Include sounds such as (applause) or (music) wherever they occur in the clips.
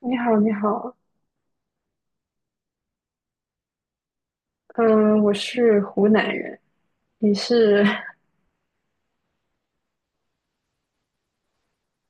你好，你好，嗯，我是湖南人。你是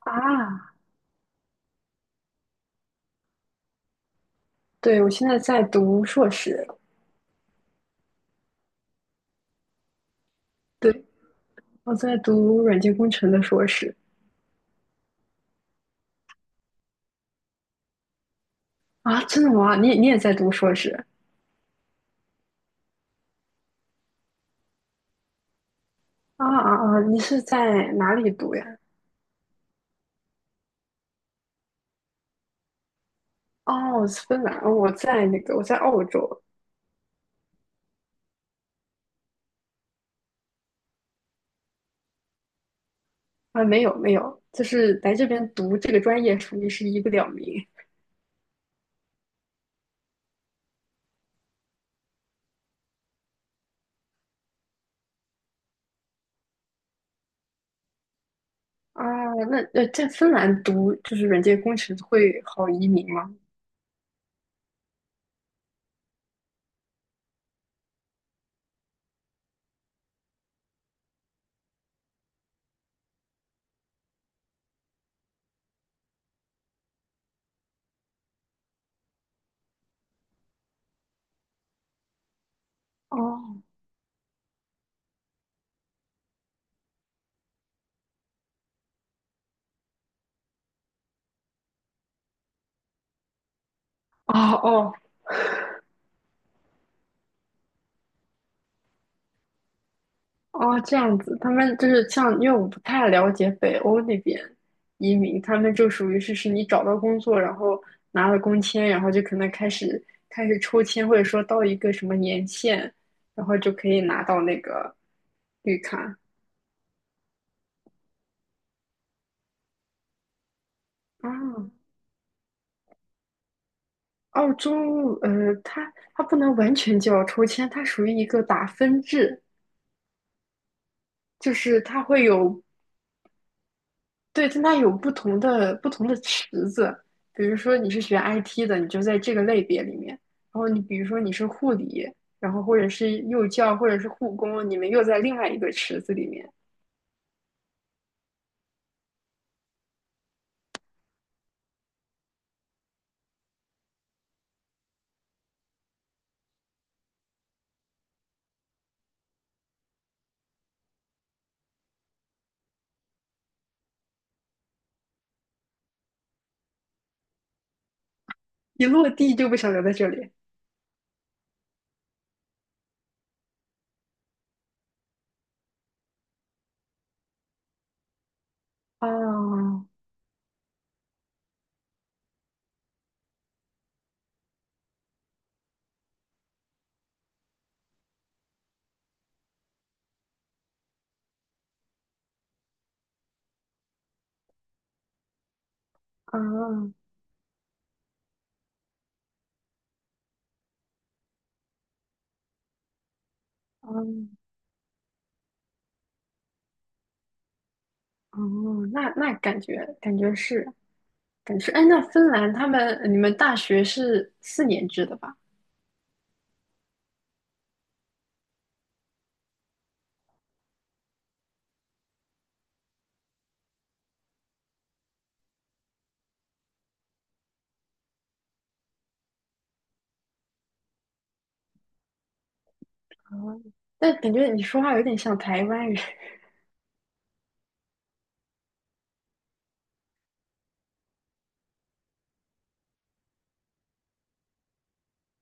(laughs) 啊？对，我现在在读硕士。对，我在读软件工程的硕士。啊，真的吗？你也在读硕士。啊啊啊！你是在哪里读呀？哦，我是芬兰。哦，我在澳洲。啊，没有没有，就是来这边读这个专业，属于是一个了名。啊，那在芬兰读就是软件工程会好移民吗？哦哦哦。哦，这样子。他们就是像，因为我不太了解北欧那边移民，他们就属于是你找到工作，然后拿了工签，然后就可能开始抽签，或者说到一个什么年限，然后就可以拿到那个绿卡。啊，澳洲，它不能完全叫抽签，它属于一个打分制。就是它会有。对，但它有不同的池子。比如说你是学 IT 的，你就在这个类别里面；然后你比如说你是护理，然后或者是幼教，或者是护工，你们又在另外一个池子里面。一落地就不想留在这里。哦，哦，哦，哦，那感觉是，哎，那芬兰他们你们大学是4年制的吧？啊，但感觉你说话有点像台湾人。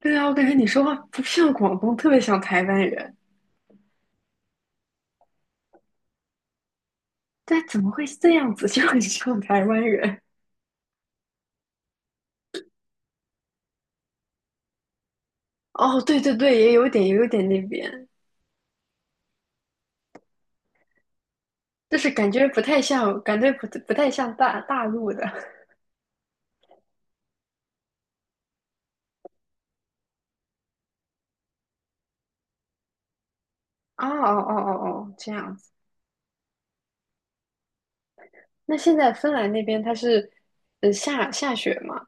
对啊，我感觉你说话不像广东，特别像台湾人。对，怎么会是这样子？(laughs) 就很像台湾人。哦，对对对，也有点，也有点那边。就是感觉不太像，感觉不太像大陆的。哦哦哦哦哦，这样子。那现在芬兰那边它是，下雪嘛？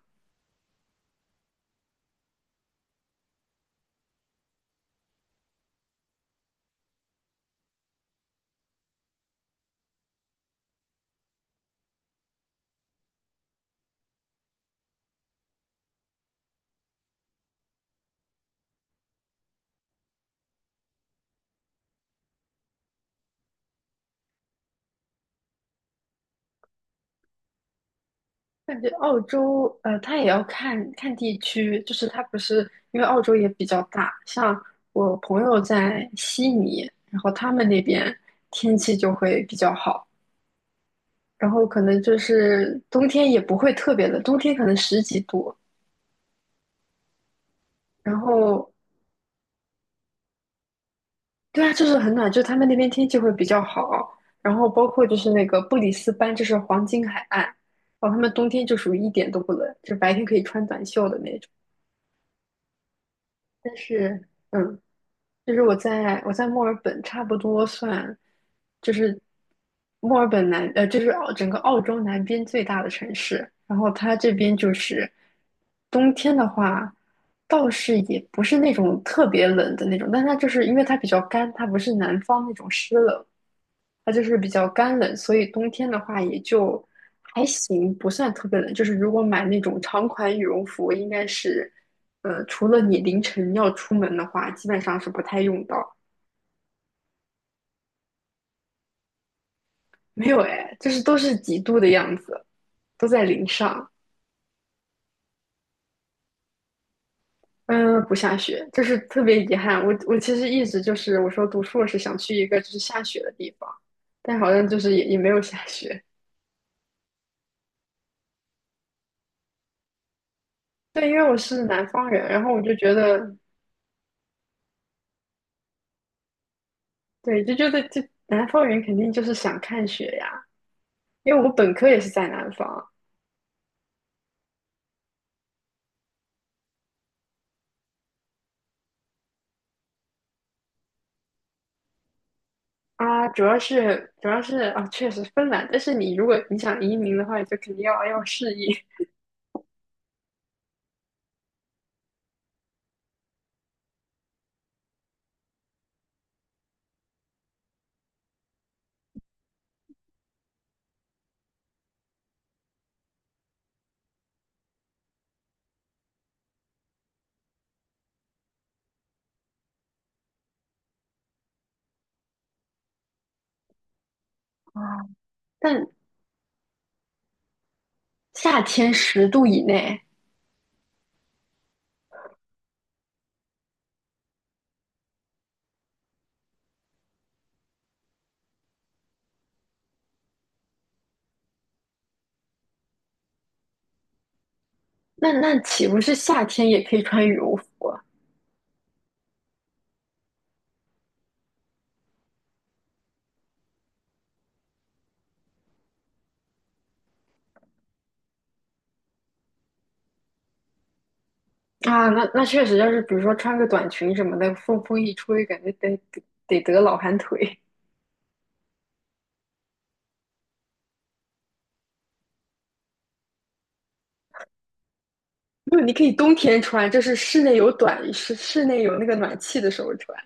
感觉澳洲，它也要看看地区。就是它不是因为澳洲也比较大。像我朋友在悉尼，然后他们那边天气就会比较好。然后可能就是冬天也不会特别冷，冬天可能十几度。然后对啊，就是很暖。就他们那边天气会比较好，然后包括就是那个布里斯班，就是黄金海岸，然后他们冬天就属于一点都不冷，就白天可以穿短袖的那种。但是就是我在墨尔本。差不多算就是墨尔本南就是整个澳洲南边最大的城市。然后它这边就是冬天的话，倒是也不是那种特别冷的那种。但它就是因为它比较干，它不是南方那种湿冷，它就是比较干冷。所以冬天的话也就还行，不算特别冷。就是如果买那种长款羽绒服，应该是。除了你凌晨要出门的话，基本上是不太用到。没有哎，就是都是几度的样子，都在零上。嗯，不下雪，就是特别遗憾。我其实一直就是我说读硕士想去一个就是下雪的地方，但好像就是也没有下雪。对，因为我是南方人，然后我就觉得。对，就觉得就南方人肯定就是想看雪呀。因为我本科也是在南方。啊，主要是啊，确实芬兰，但是你如果你想移民的话，你就肯定要适应。啊。但夏天10度以内。那岂不是夏天也可以穿羽绒服啊？啊，那确实。要是比如说穿个短裙什么的，风一吹，感觉得老寒腿。(laughs) 没有，你可以冬天穿，就是室内有那个暖气的时候穿。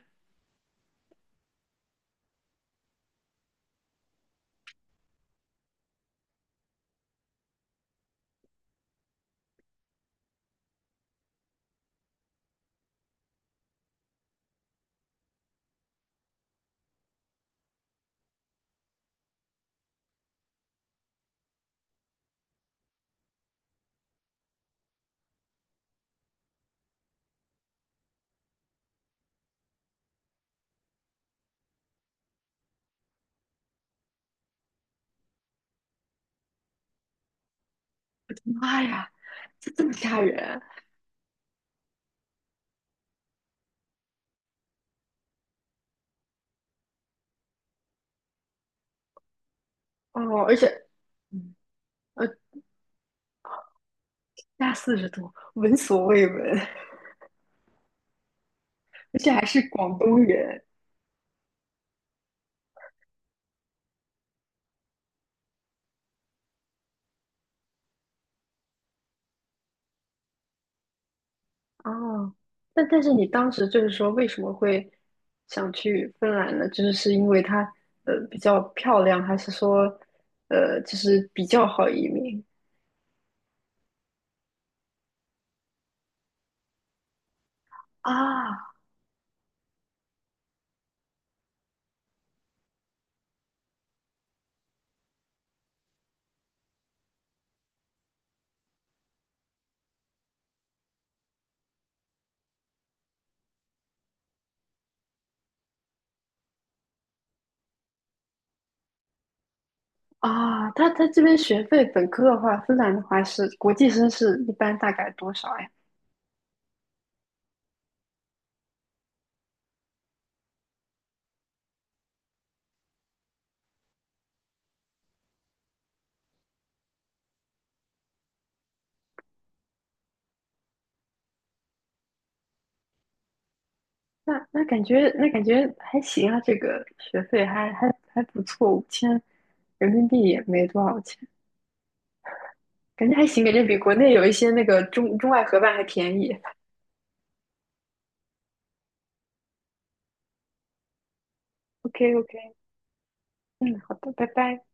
妈呀，这么吓人。哦！而且，嗯，呃，加40度，闻所未闻。而且还是广东人。哦，那但是你当时就是说为什么会想去芬兰呢？就是是因为它比较漂亮，还是说就是比较好移民啊。啊？它这边学费本科的话，芬兰的话是国际生是一般大概多少呀？那感觉还行啊。这个学费还不错。5000人民币也没多少钱。感觉还行。感觉比国内有一些那个中外合办还便宜。OK OK。嗯，好的，拜拜。